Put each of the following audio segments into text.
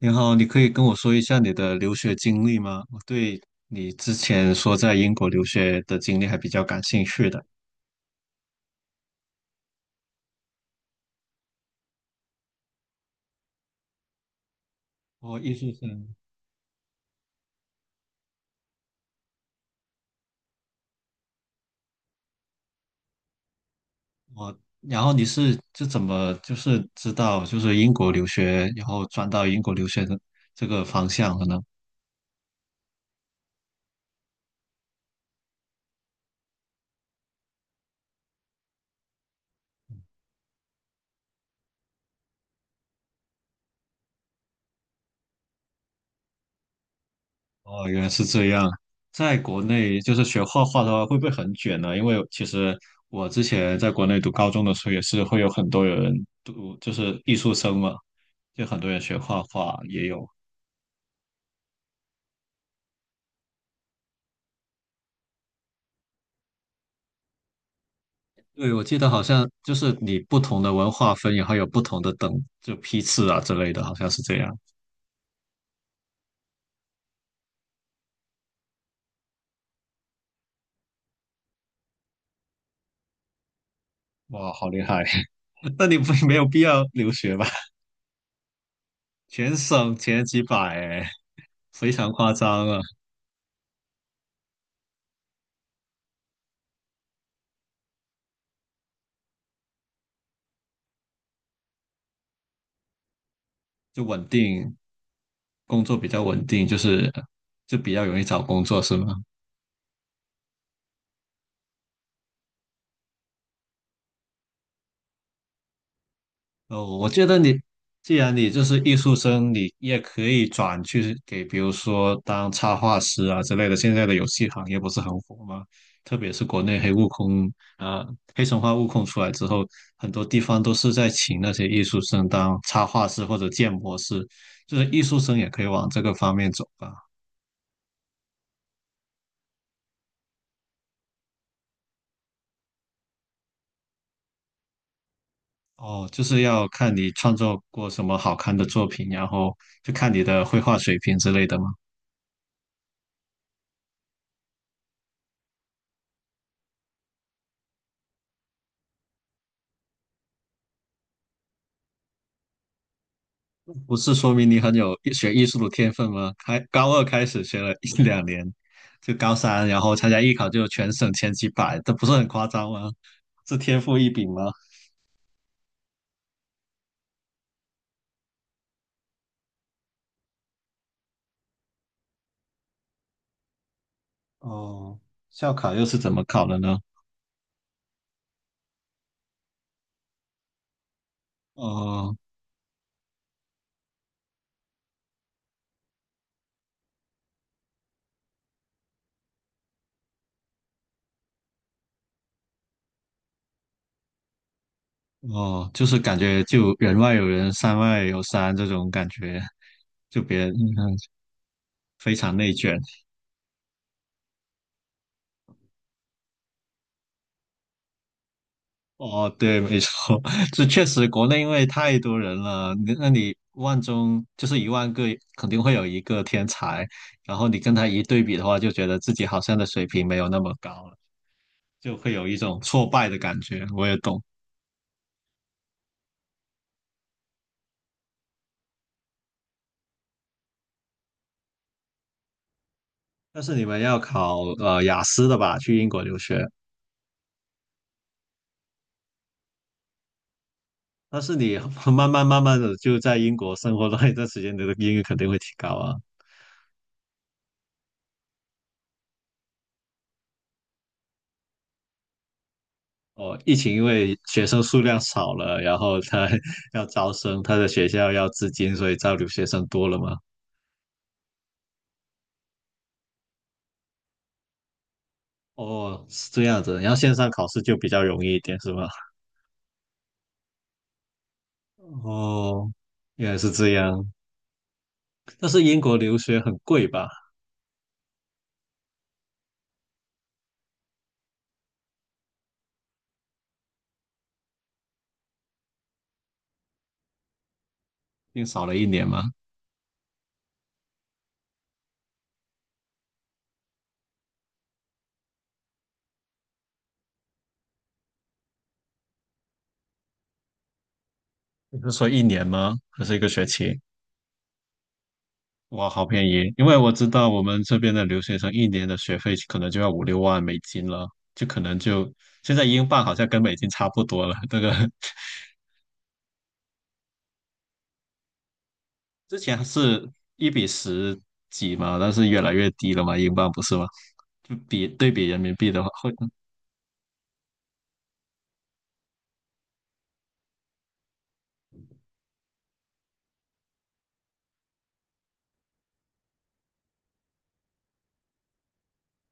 你好，你可以跟我说一下你的留学经历吗？我对你之前说在英国留学的经历还比较感兴趣的。我艺术生。然后你是就怎么就是知道就是英国留学，然后转到英国留学的这个方向的呢？哦，原来是这样。在国内就是学画画的话，会不会很卷呢？因为其实我之前在国内读高中的时候，也是会有很多人就是艺术生嘛，就很多人学画画也有。对，我记得好像就是你不同的文化分，然后有不同的批次啊之类的，好像是这样。哇，好厉害！那你不没有必要留学吧？全省前几百，哎，非常夸张啊！就稳定，工作比较稳定，就是就比较容易找工作，是吗？哦，我觉得你既然你就是艺术生，你也可以转去给，比如说当插画师啊之类的。现在的游戏行业不是很火吗？特别是国内呃，黑神话悟空出来之后，很多地方都是在请那些艺术生当插画师或者建模师，就是艺术生也可以往这个方面走吧。哦，就是要看你创作过什么好看的作品，然后就看你的绘画水平之类的嘛。不是说明你很有艺术的天分吗？高二开始学了一两年，就高三，然后参加艺考就全省前几百，这不是很夸张吗？这天赋异禀吗？哦，校考又是怎么考的呢？哦哦，就是感觉就人外有人，山外有山这种感觉，就别人非常内卷。哦，对，没错，这确实国内因为太多人了，你万中就是10000个，肯定会有一个天才，然后你跟他一对比的话，就觉得自己好像的水平没有那么高了，就会有一种挫败的感觉。我也懂，但是你们要考雅思的吧，去英国留学，但是你 慢慢慢慢的就在英国生活了一段 时间，你的英语肯定会提高啊。哦，疫情因为学生数量少了，然后他 要招生，他的学校要资金，所以招留学生多了嘛。哦，是这样子，然后线上考试就比较容易一点，是吗？哦，原来是这样。但是英国留学很贵吧？因为少了一年吗？你是说一年吗？还是一个学期？哇，好便宜！因为我知道我们这边的留学生一年的学费可能就要5、6万美金了，就可能就现在英镑好像跟美金差不多了，这个 之前是一比十几嘛，但是越来越低了嘛，英镑不是吗？就比对比人民币的话，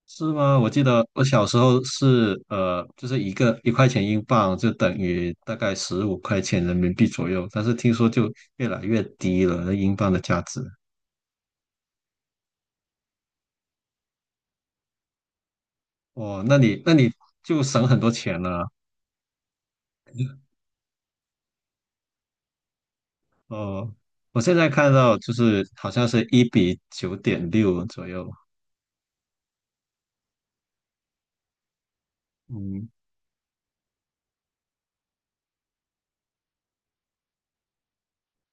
是吗？我记得我小时候是就是1块钱英镑就等于大概15块钱人民币左右，但是听说就越来越低了，那英镑的价值。哦，那你就省很多钱了。哦，我现在看到就是好像是1:9.6左右。嗯，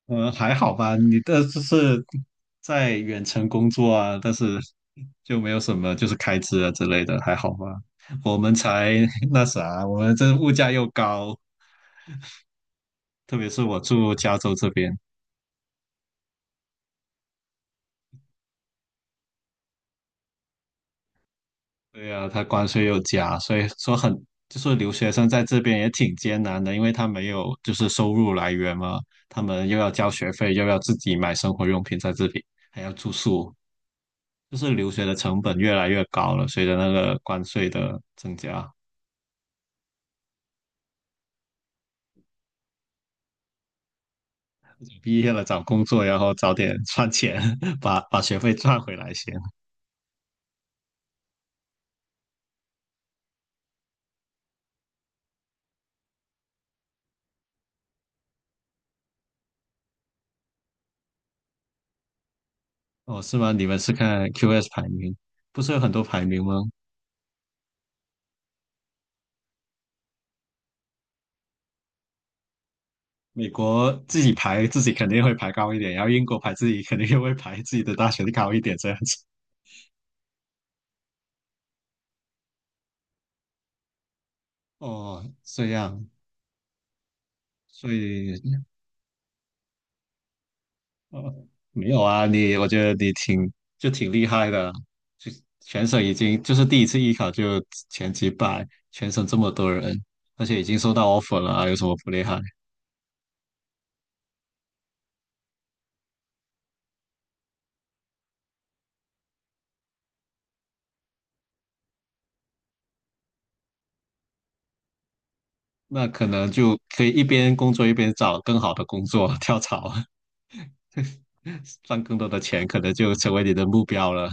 嗯，还好吧，你的就是在远程工作啊，但是就没有什么就是开支啊之类的，还好吧。我们才 那啥，我们这物价又高，特别是我住加州这边，对呀，他关税又加，所以说就是留学生在这边也挺艰难的，因为他没有就是收入来源嘛，他们又要交学费，又要自己买生活用品在这里，还要住宿，就是留学的成本越来越高了，随着那个关税的增加。毕业了找工作，然后早点赚钱，把学费赚回来先。哦，是吗？你们是看 QS 排名，不是有很多排名吗？美国自己排自己肯定会排高一点，然后英国排自己肯定会排自己的大学的高一点，这样子。哦，这样，所以呃，没有啊，我觉得你挺厉害的，就全省已经就是第一次艺考就前几百，全省这么多人，而且已经收到 offer 了啊，有什么不厉害？那可能就可以一边工作一边找更好的工作，跳槽，赚更多的钱，可能就成为你的目标了。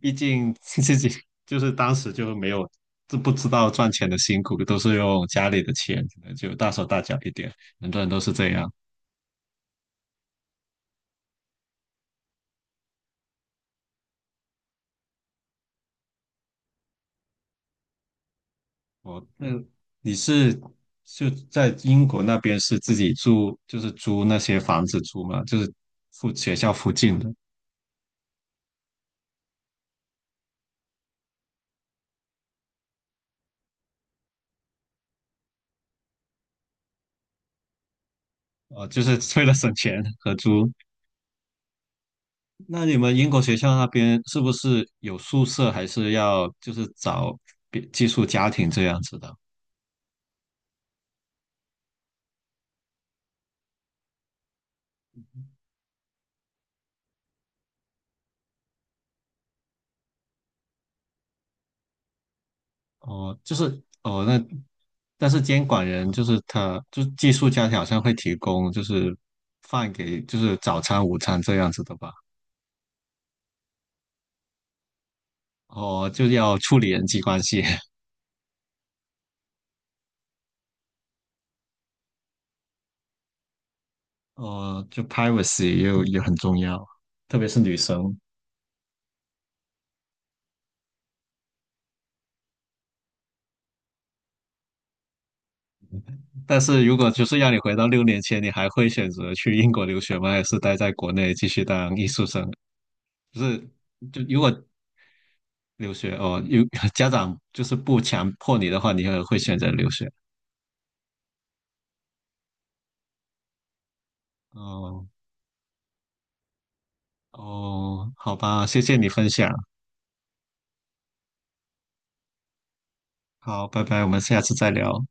毕竟 自己就是当时就没有，就不知道赚钱的辛苦，都是用家里的钱，可能就大手大脚一点。很多人都是这样。那你是就在英国那边是自己住，就是租那些房子住吗？就是附学校附近的，哦，就是为了省钱合租。那你们英国学校那边是不是有宿舍，还是要就是找别寄宿家庭这样子的？哦，就是哦，那但是监管人就是他，就是寄宿家庭好像会提供就是饭给就是早餐、午餐这样子的吧？哦，就要处理人际关系，哦，就 privacy 又也很重要，特别是女生。但是如果就是让你回到6年前，你还会选择去英国留学吗？还是待在国内继续当艺术生？就是就如果留学哦，有 家长就是不强迫你的话，你也会选择留学。哦哦，好吧，谢谢你分享。好，拜拜，我们下次再聊。